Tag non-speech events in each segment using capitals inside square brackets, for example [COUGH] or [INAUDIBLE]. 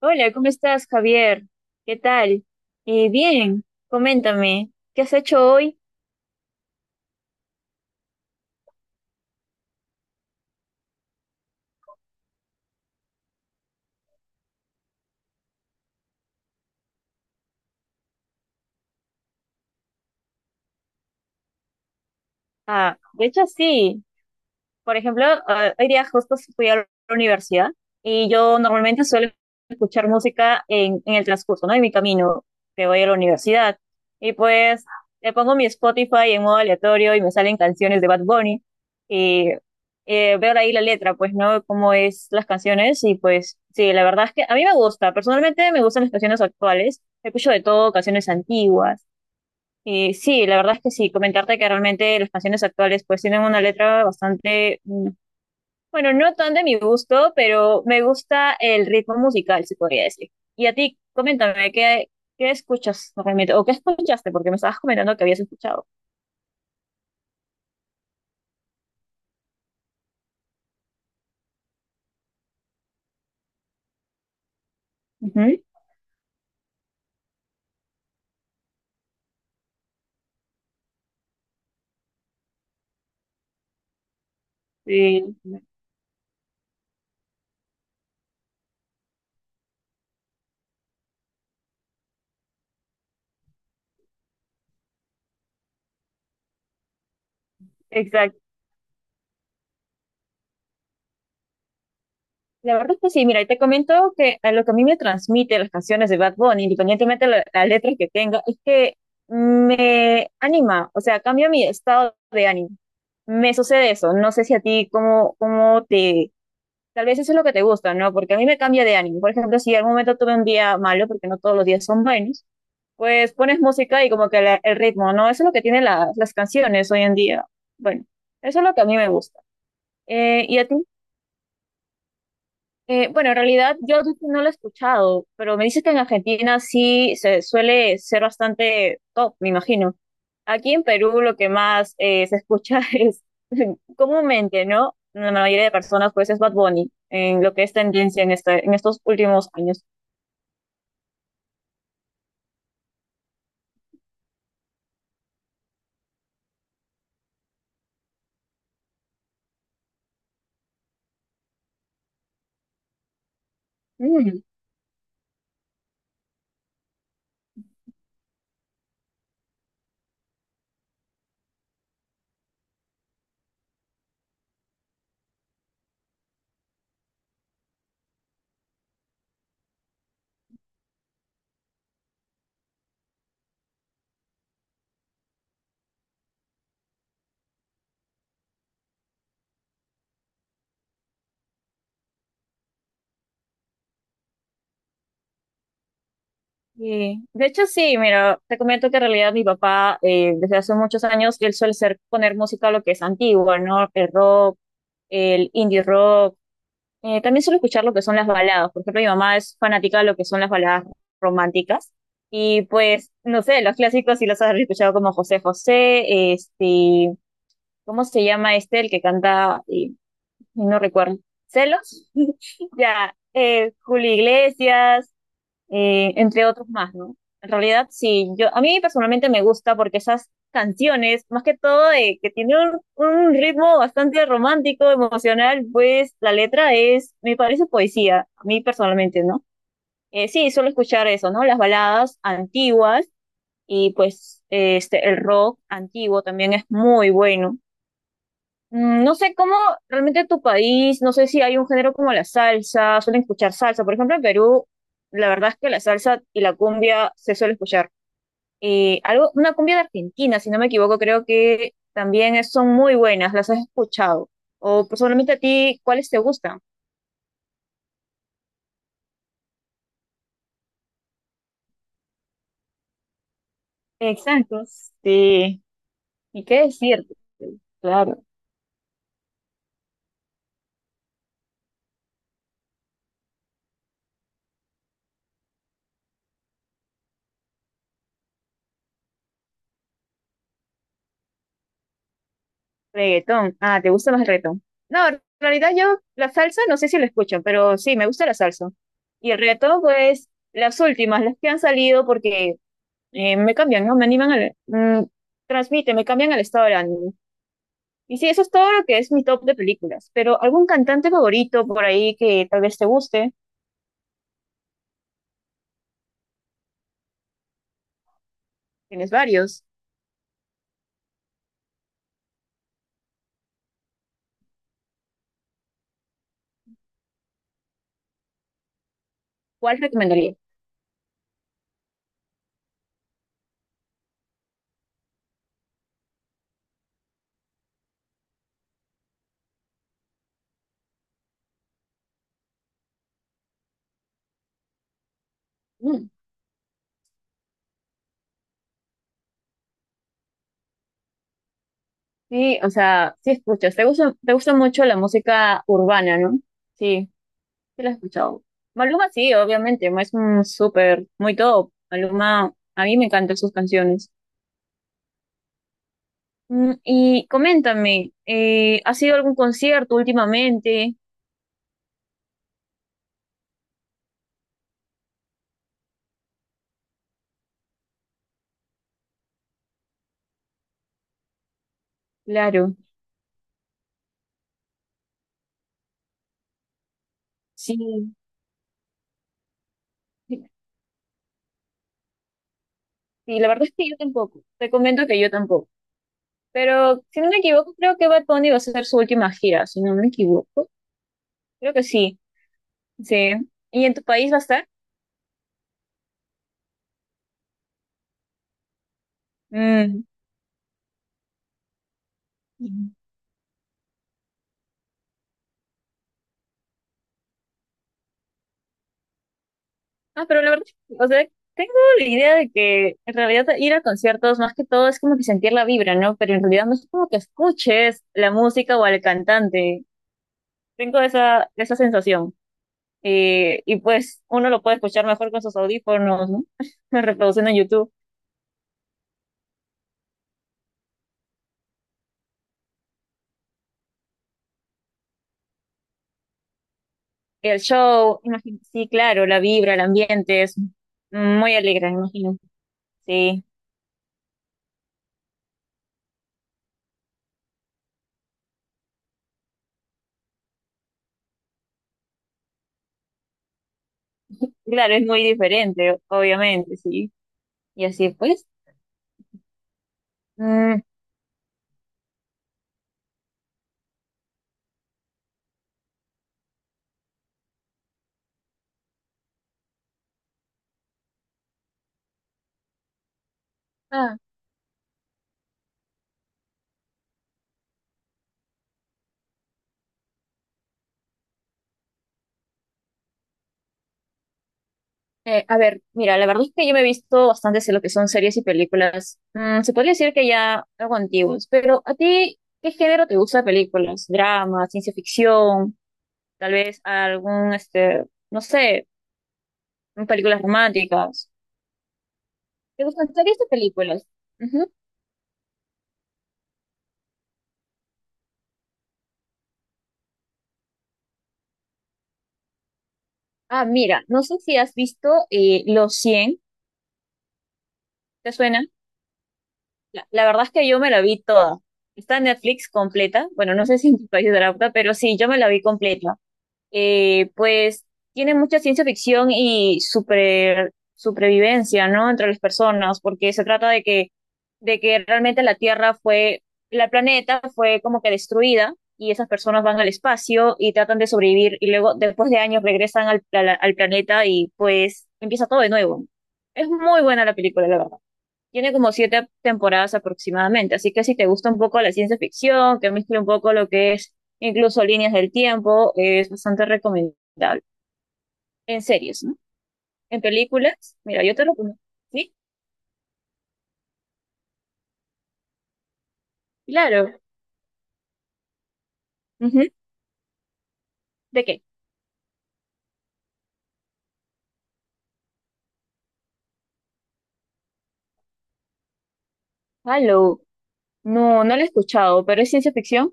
Hola, ¿cómo estás, Javier? ¿Qué tal? Bien, coméntame, ¿qué has hecho hoy? Ah, de hecho sí. Por ejemplo, hoy día justo fui a la universidad y yo normalmente suelo escuchar música en el transcurso, ¿no? En mi camino que voy a la universidad. Y pues le pongo mi Spotify en modo aleatorio y me salen canciones de Bad Bunny. Y veo ahí la letra, pues, ¿no? Cómo es las canciones y pues sí, la verdad es que a mí me gusta, personalmente me gustan las canciones actuales, escucho de todo, canciones antiguas. Y sí, la verdad es que sí, comentarte que realmente las canciones actuales pues tienen una letra bastante bueno, no tan de mi gusto, pero me gusta el ritmo musical, se podría decir. Y a ti, coméntame, ¿qué escuchas realmente? ¿O qué escuchaste? Porque me estabas comentando que habías escuchado. Ujú. Sí. Exacto. La verdad es que sí, mira, y te comento que a lo que a mí me transmite las canciones de Bad Bunny, independientemente de la letra que tenga, es que me anima, o sea, cambia mi estado de ánimo. Me sucede eso. No sé si a ti cómo te. Tal vez eso es lo que te gusta, ¿no? Porque a mí me cambia de ánimo. Por ejemplo, si al momento tuve un día malo, porque no todos los días son buenos, pues pones música y como que el ritmo, ¿no? Eso es lo que tienen las canciones hoy en día. Bueno, eso es lo que a mí me gusta. ¿Y a ti bueno, en realidad yo no lo he escuchado, pero me dices que en Argentina sí se suele ser bastante top, me imagino. Aquí en Perú lo que más se escucha [LAUGHS] es comúnmente, ¿no? La mayoría de personas pues es Bad Bunny, en lo que es tendencia en este, en estos últimos años. Mm, sí. De hecho sí, mira, te comento que en realidad mi papá desde hace muchos años él suele ser poner música lo que es antigua, ¿no? El rock, el indie rock. También suelo escuchar lo que son las baladas. Por ejemplo, mi mamá es fanática de lo que son las baladas románticas. Y pues, no sé, los clásicos sí los has escuchado como José José, este, ¿cómo se llama este el que canta? Y no recuerdo. ¿Celos? [LAUGHS] Ya, Julio Iglesias, entre otros más, ¿no? En realidad, sí, yo, a mí personalmente me gusta porque esas canciones, más que todo, que tiene un ritmo bastante romántico, emocional, pues la letra es, me parece poesía, a mí personalmente, ¿no? Sí, suelo escuchar eso, ¿no? Las baladas antiguas y pues este, el rock antiguo también es muy bueno. Mm, no sé cómo realmente tu país, no sé si hay un género como la salsa, suelen escuchar salsa. Por ejemplo, en Perú, la verdad es que la salsa y la cumbia se suele escuchar. Algo, una cumbia de Argentina, si no me equivoco, creo que también son muy buenas, las has escuchado. O personalmente a ti, ¿cuáles te gustan? Exacto, sí. ¿Y qué decirte? Claro. Reggaetón. Ah, ¿te gusta más el reggaetón? No, en realidad yo la salsa no sé si la escucho, pero sí, me gusta la salsa. Y el reggaetón, pues, las últimas, las que han salido porque me cambian, ¿no? Me animan al... transmite, me cambian al estado de ánimo. Y sí, eso es todo lo que es mi top de películas. Pero algún cantante favorito por ahí que tal vez te guste, tienes varios, ¿cuál recomendarías? Mm, sí, o sea, sí escuchas. Te gusta mucho la música urbana, ¿no? Sí. Sí lo he escuchado. Maluma sí, obviamente, es un súper, muy top. Maluma, a mí me encantan sus canciones. Mm, y coméntame, ¿has ido a algún concierto últimamente? Claro, sí. Sí, la verdad es que yo tampoco. Te comento que yo tampoco. Pero si no me equivoco, creo que Bad Bunny va a hacer su última gira, si no me equivoco. Creo que sí, sí. ¿Y en tu país va a estar? Mm. Ah, pero la verdad, o sea, tengo la idea de que en realidad ir a conciertos más que todo es como que sentir la vibra, ¿no? Pero en realidad no es como que escuches la música o al cantante. Tengo esa sensación. Y pues uno lo puede escuchar mejor con sus audífonos, ¿no? [LAUGHS] Reproduciendo en YouTube. El show, imagino, sí, claro, la vibra, el ambiente es muy alegre, me imagino. Sí, claro, es muy diferente, obviamente, sí. Y así pues. Mm, ah. A ver, mira, la verdad es que yo me he visto bastantes de lo que son series y películas. Mm, se podría decir que ya algo antiguos, pero ¿a ti qué género te gusta de películas? ¿Drama, ciencia ficción, tal vez algún, este, no sé, películas románticas? ¿Te gustan series de películas? Ujú. Ah, mira, no sé si has visto Los cien. ¿Te suena? La verdad es que yo me la vi toda. Está en Netflix completa. Bueno, no sé si en tu país es de la puta, pero sí, yo me la vi completa. Pues tiene mucha ciencia ficción y supervivencia, ¿no? Entre las personas, porque se trata de de que realmente la Tierra fue, la planeta fue como que destruida y esas personas van al espacio y tratan de sobrevivir y luego después de años regresan a al planeta y pues empieza todo de nuevo. Es muy buena la película, la verdad. Tiene como 7 temporadas aproximadamente, así que si te gusta un poco la ciencia ficción, que mezcla un poco lo que es incluso líneas del tiempo, es bastante recomendable. En series, ¿no? En películas, mira, yo te lo pongo. ¿Sí? Claro. Ujú. ¿De qué? Halo. No, no lo he escuchado, pero es ciencia ficción.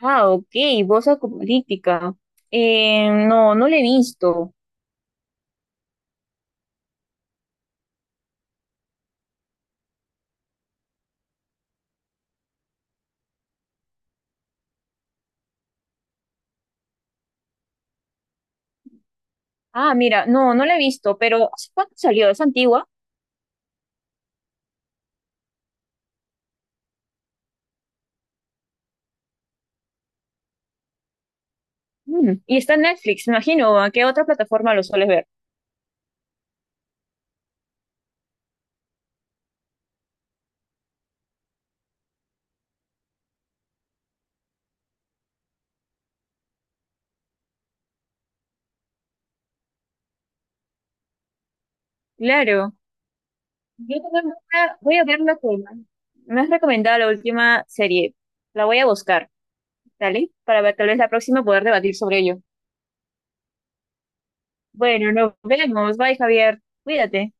Ah, ok, voz política. No, no la he visto. Ah, mira, no, no la he visto, pero ¿hace cuánto salió? ¿Es antigua? Mm, y está en Netflix, me imagino. ¿A qué otra plataforma lo sueles ver? Claro. Yo también voy a ver la que me has recomendado la última serie. La voy a buscar, ¿vale? Para ver, tal vez la próxima poder debatir sobre ello. Bueno, nos vemos. Bye, Javier. Cuídate.